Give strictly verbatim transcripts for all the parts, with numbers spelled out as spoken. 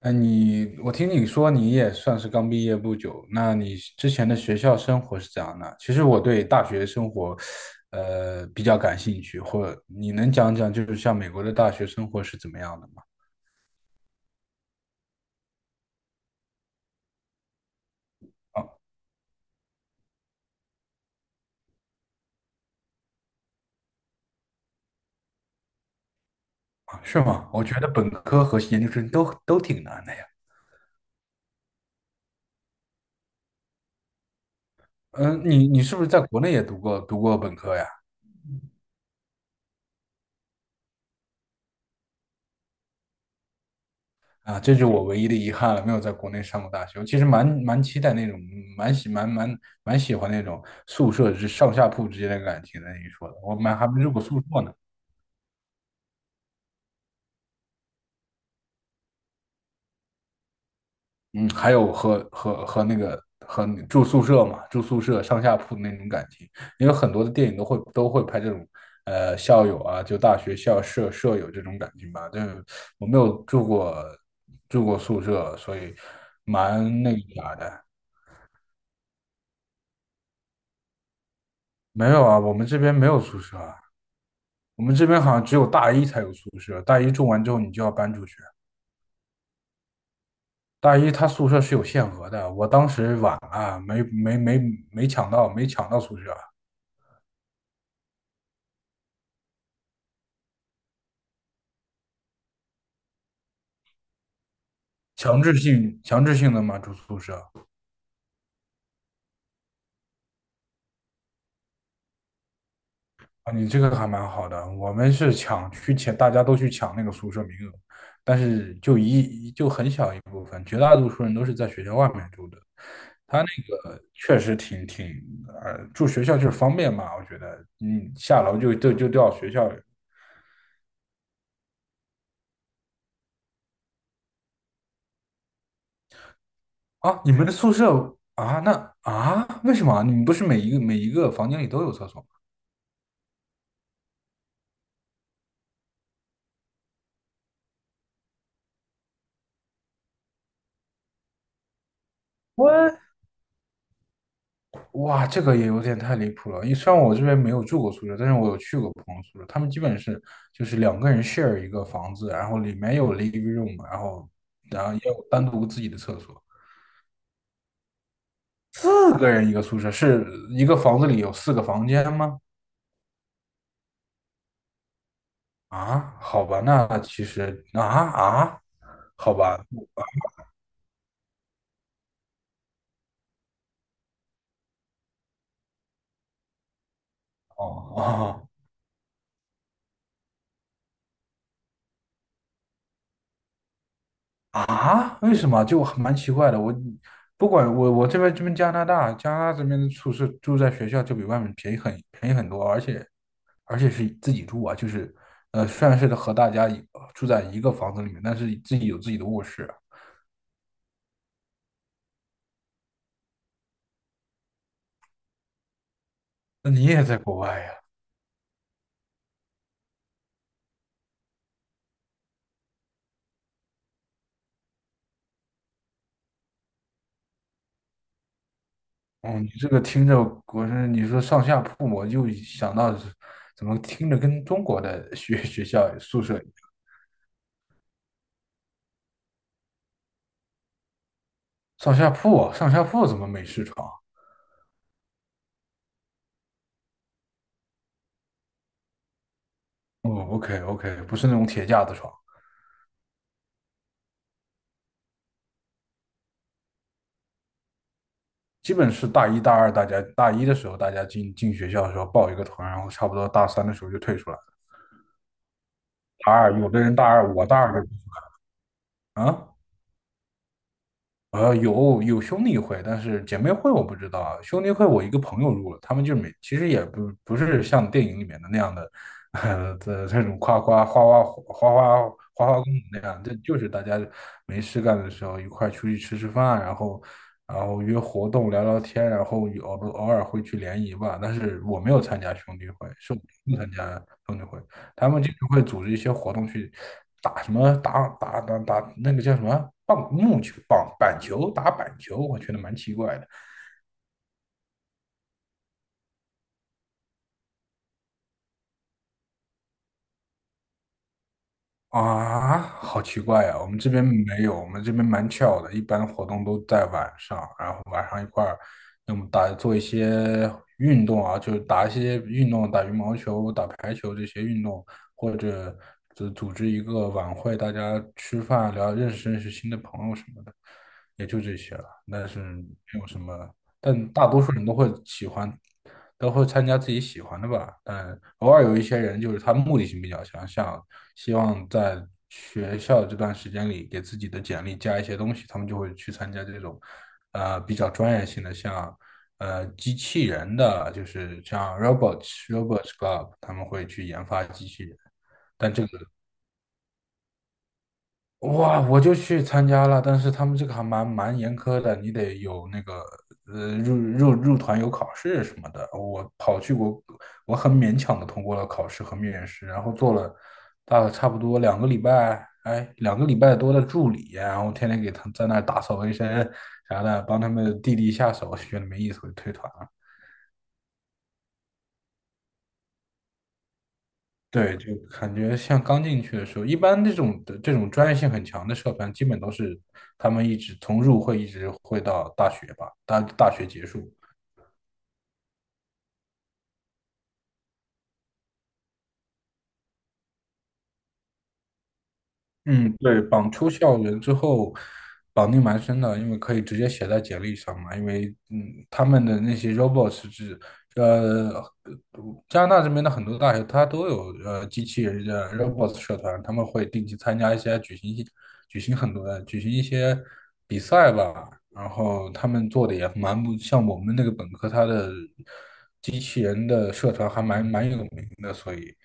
哎，你，我听你说你也算是刚毕业不久，那你之前的学校生活是怎样的？其实我对大学生活，呃，比较感兴趣，或你能讲讲，就是像美国的大学生活是怎么样的吗？啊。啊，是吗？我觉得本科和研究生都都挺难的呀。嗯，你你是不是在国内也读过读过本科呀？啊，这是我唯一的遗憾了，没有在国内上过大学。我其实蛮蛮期待那种，蛮喜蛮蛮蛮喜欢那种宿舍之上下铺之间的感情的。你说的，我们还没住过宿舍呢。嗯，还有和和和那个和你住宿舍嘛，住宿舍上下铺的那种感情，因为很多的电影都会都会拍这种，呃，校友啊，就大学校舍舍友这种感情吧。但是我没有住过住过宿舍，所以蛮那个啥的。没有啊，我们这边没有宿舍啊。我们这边好像只有大一才有宿舍，大一住完之后你就要搬出去。大一他宿舍是有限额的，我当时晚了，没没没没抢到，没抢到宿舍，强制性强制性的嘛住宿舍。啊，你这个还蛮好的。我们是抢去抢，大家都去抢那个宿舍名额，但是就一就很小一部分，绝大多数人都是在学校外面住的。他那个确实挺挺，呃，住学校就是方便嘛，我觉得，嗯，下楼就就就到学校。啊，你们的宿舍啊，那啊，为什么啊你们不是每一个每一个房间里都有厕所吗？我哇，这个也有点太离谱了。因为虽然我这边没有住过宿舍，但是我有去过朋友宿舍，他们基本是就是两个人 share 一个房子，然后里面有 living room，然后然后也有单独自己的厕所，四个人一个宿舍，是一个房子里有四个房间吗？啊，好吧，那其实啊啊，好吧。哦哦。啊？为什么？就蛮奇怪的。我不管我我这边这边加拿大加拿大这边的宿舍住在学校就比外面便宜很便宜很多，而且而且是自己住啊，就是呃虽然是和大家一住在一个房子里面，但是自己有自己的卧室啊。那你也在国外呀？哦，你这个听着，我是你说上下铺，我就想到是怎么听着跟中国的学 学校宿舍。上下铺啊，上下铺怎么美式床？哦，OK OK，不是那种铁架子床。基本是大一大二，大家大一的时候大家进进学校的时候报一个团，然后差不多大三的时候就退出来了。大二有的人大二，我大二的。啊。呃，有有兄弟会，但是姐妹会我不知道啊。兄弟会我一个朋友入了，他们就没，其实也不不是像电影里面的那样的，呃的这种夸夸花花花花花花公子那样，这就是大家没事干的时候一块出去吃吃饭啊，然后然后约活动聊聊天，然后有偶偶尔会去联谊吧。但是我没有参加兄弟会，是我不参加兄弟会。他们就常会组织一些活动去打什么打打打打那个叫什么棒木球棒板球打板球，我觉得蛮奇怪的。啊，好奇怪呀，我们这边没有，我们这边蛮 c 的，一般活动都在晚上，然后晚上一块儿，要么打做一些运动啊，就是打一些运动，打羽毛球、打排球这些运动，或者就组织一个晚会，大家吃饭聊，认识认识新的朋友什么的，也就这些了。但是没有什么但大多数人都会喜欢，都会参加自己喜欢的吧。但偶尔有一些人就是他目的性比较强，像希望在学校这段时间里给自己的简历加一些东西，他们就会去参加这种，呃，比较专业性的，像呃机器人的，就是像 robots robots club，他们会去研发机器人。但这个。哇，我就去参加了，但是他们这个还蛮蛮严苛的，你得有那个呃入入入团有考试什么的。我跑去我我很勉强的通过了考试和面试，然后做了大概差不多两个礼拜，哎，两个礼拜多的助理，然后天天给他们在那儿打扫卫生啥的，帮他们弟弟下手，觉得没意思，我就退团了。对，就感觉像刚进去的时候，一般这种的这种专业性很强的社团，基本都是他们一直从入会一直会到大学吧，大大学结束。嗯，对，绑出校园之后，绑定蛮深的，因为可以直接写在简历上嘛。因为嗯，他们的那些 robots 是呃，加拿大这边的很多大学它都有呃机器人的 robots 社团，他们会定期参加一些举行一举行很多的举行一些比赛吧。然后他们做的也蛮不像我们那个本科，它的机器人的社团还蛮蛮有名的，所以。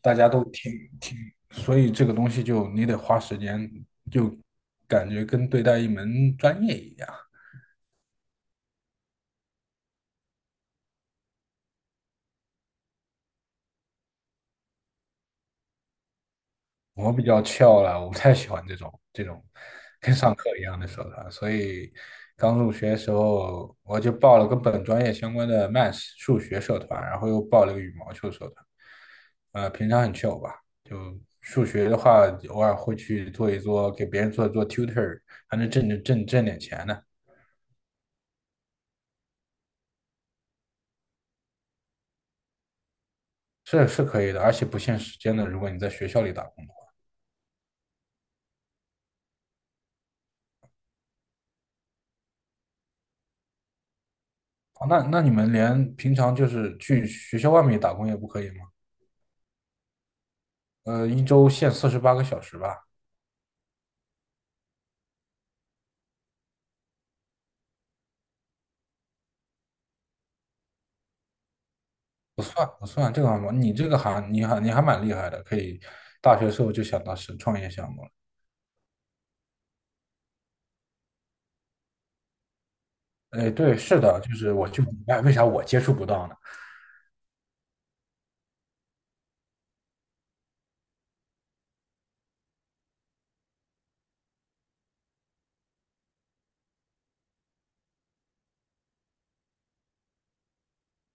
大家都挺挺，所以这个东西就你得花时间，就感觉跟对待一门专业一样。我比较翘了，我不太喜欢这种这种跟上课一样的社团。所以刚入学的时候我就报了跟本专业相关的 Math 数学社团，然后又报了个羽毛球社团。呃，平常很翘吧，就数学的话，偶尔会去做一做，给别人做一做 tutor，还能挣挣挣挣点钱呢。是是可以的，而且不限时间的。如果你在学校里打工的话，哦，那那你们连平常就是去学校外面打工也不可以吗？呃，一周限四十八个小时吧。不算不算，这个还蛮你这个还你还你还蛮厉害的，可以大学时候就想到是创业项目了。哎，对，是的，就是我就明白为啥我接触不到呢？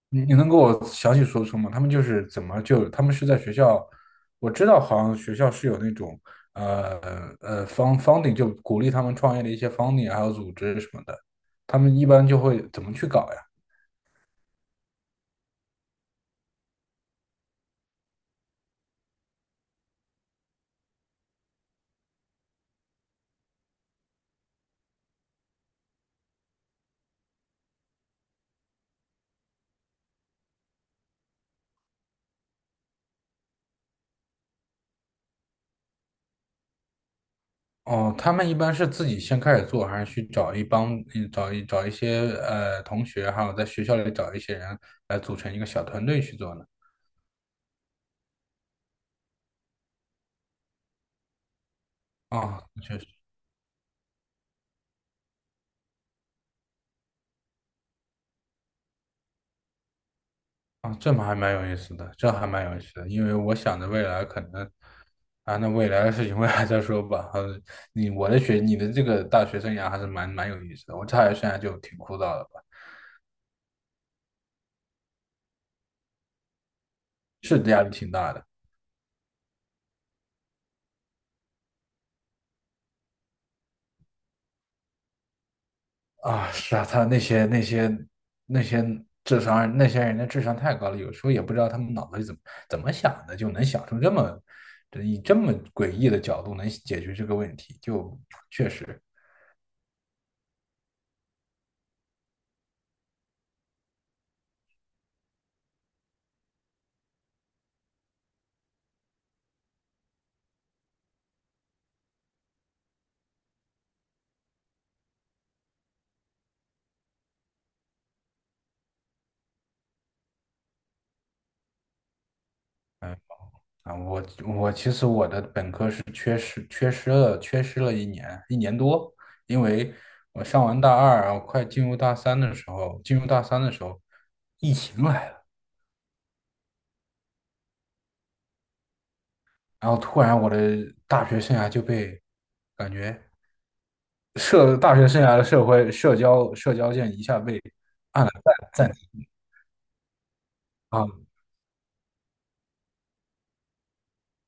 你你能给我详细说说吗？他们就是怎么就他们是在学校，我知道好像学校是有那种呃呃方 funding 就鼓励他们创业的一些 funding 还有组织什么的，他们一般就会怎么去搞呀？哦，他们一般是自己先开始做，还是去找一帮嗯找一找一些呃同学，还有在学校里找一些人来组成一个小团队去做呢？哦，啊，这么还蛮有意思的，这还蛮有意思的，因为我想着未来可能，啊，那未来的事情未来再说吧。呃，你我的学，你的这个大学生涯还是蛮蛮有意思的。我大学生涯就挺枯燥的吧，是压力挺大的啊。是啊，他那些那些那些智商，那些人的智商太高了，有时候也不知道他们脑子里怎么怎么想的，就能想出这么，以这么诡异的角度能解决这个问题，就确实。嗯。啊，我我其实我的本科是缺失缺失了缺失了一年一年多，因为我上完大二，然后快进入大三的时候，进入大三的时候，疫情来了，然后突然我的大学生涯就被感觉社大学生涯的社会社交社交键一下被按了暂暂停。啊，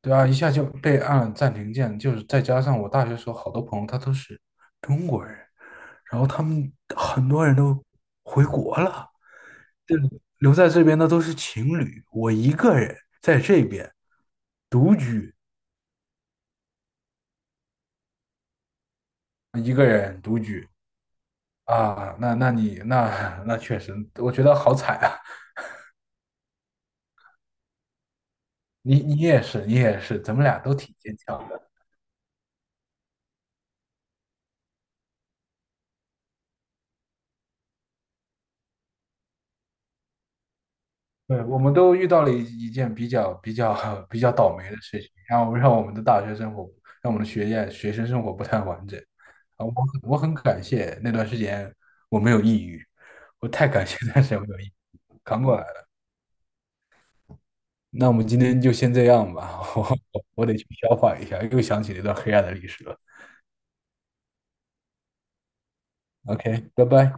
对啊，一下就被按了暂停键，就是再加上我大学时候好多朋友他都是中国人，然后他们很多人都回国了。这留在这边的都是情侣，我一个人在这边独居，一个人独居。啊，那那你那那确实，我觉得好惨啊！你你也是，你也是，咱们俩都挺坚强的。对，我们都遇到了一一件比较比较 比较倒霉的事情，然后让我们的大学生活，让我们的学业学生生活不太完整啊。我很我很感谢那段时间我没有抑郁，我太感谢那段时间我没有抑郁，扛过来。了。那我们今天就先这样吧，我我得去消化一下，又想起一段黑暗的历史了。OK，拜拜。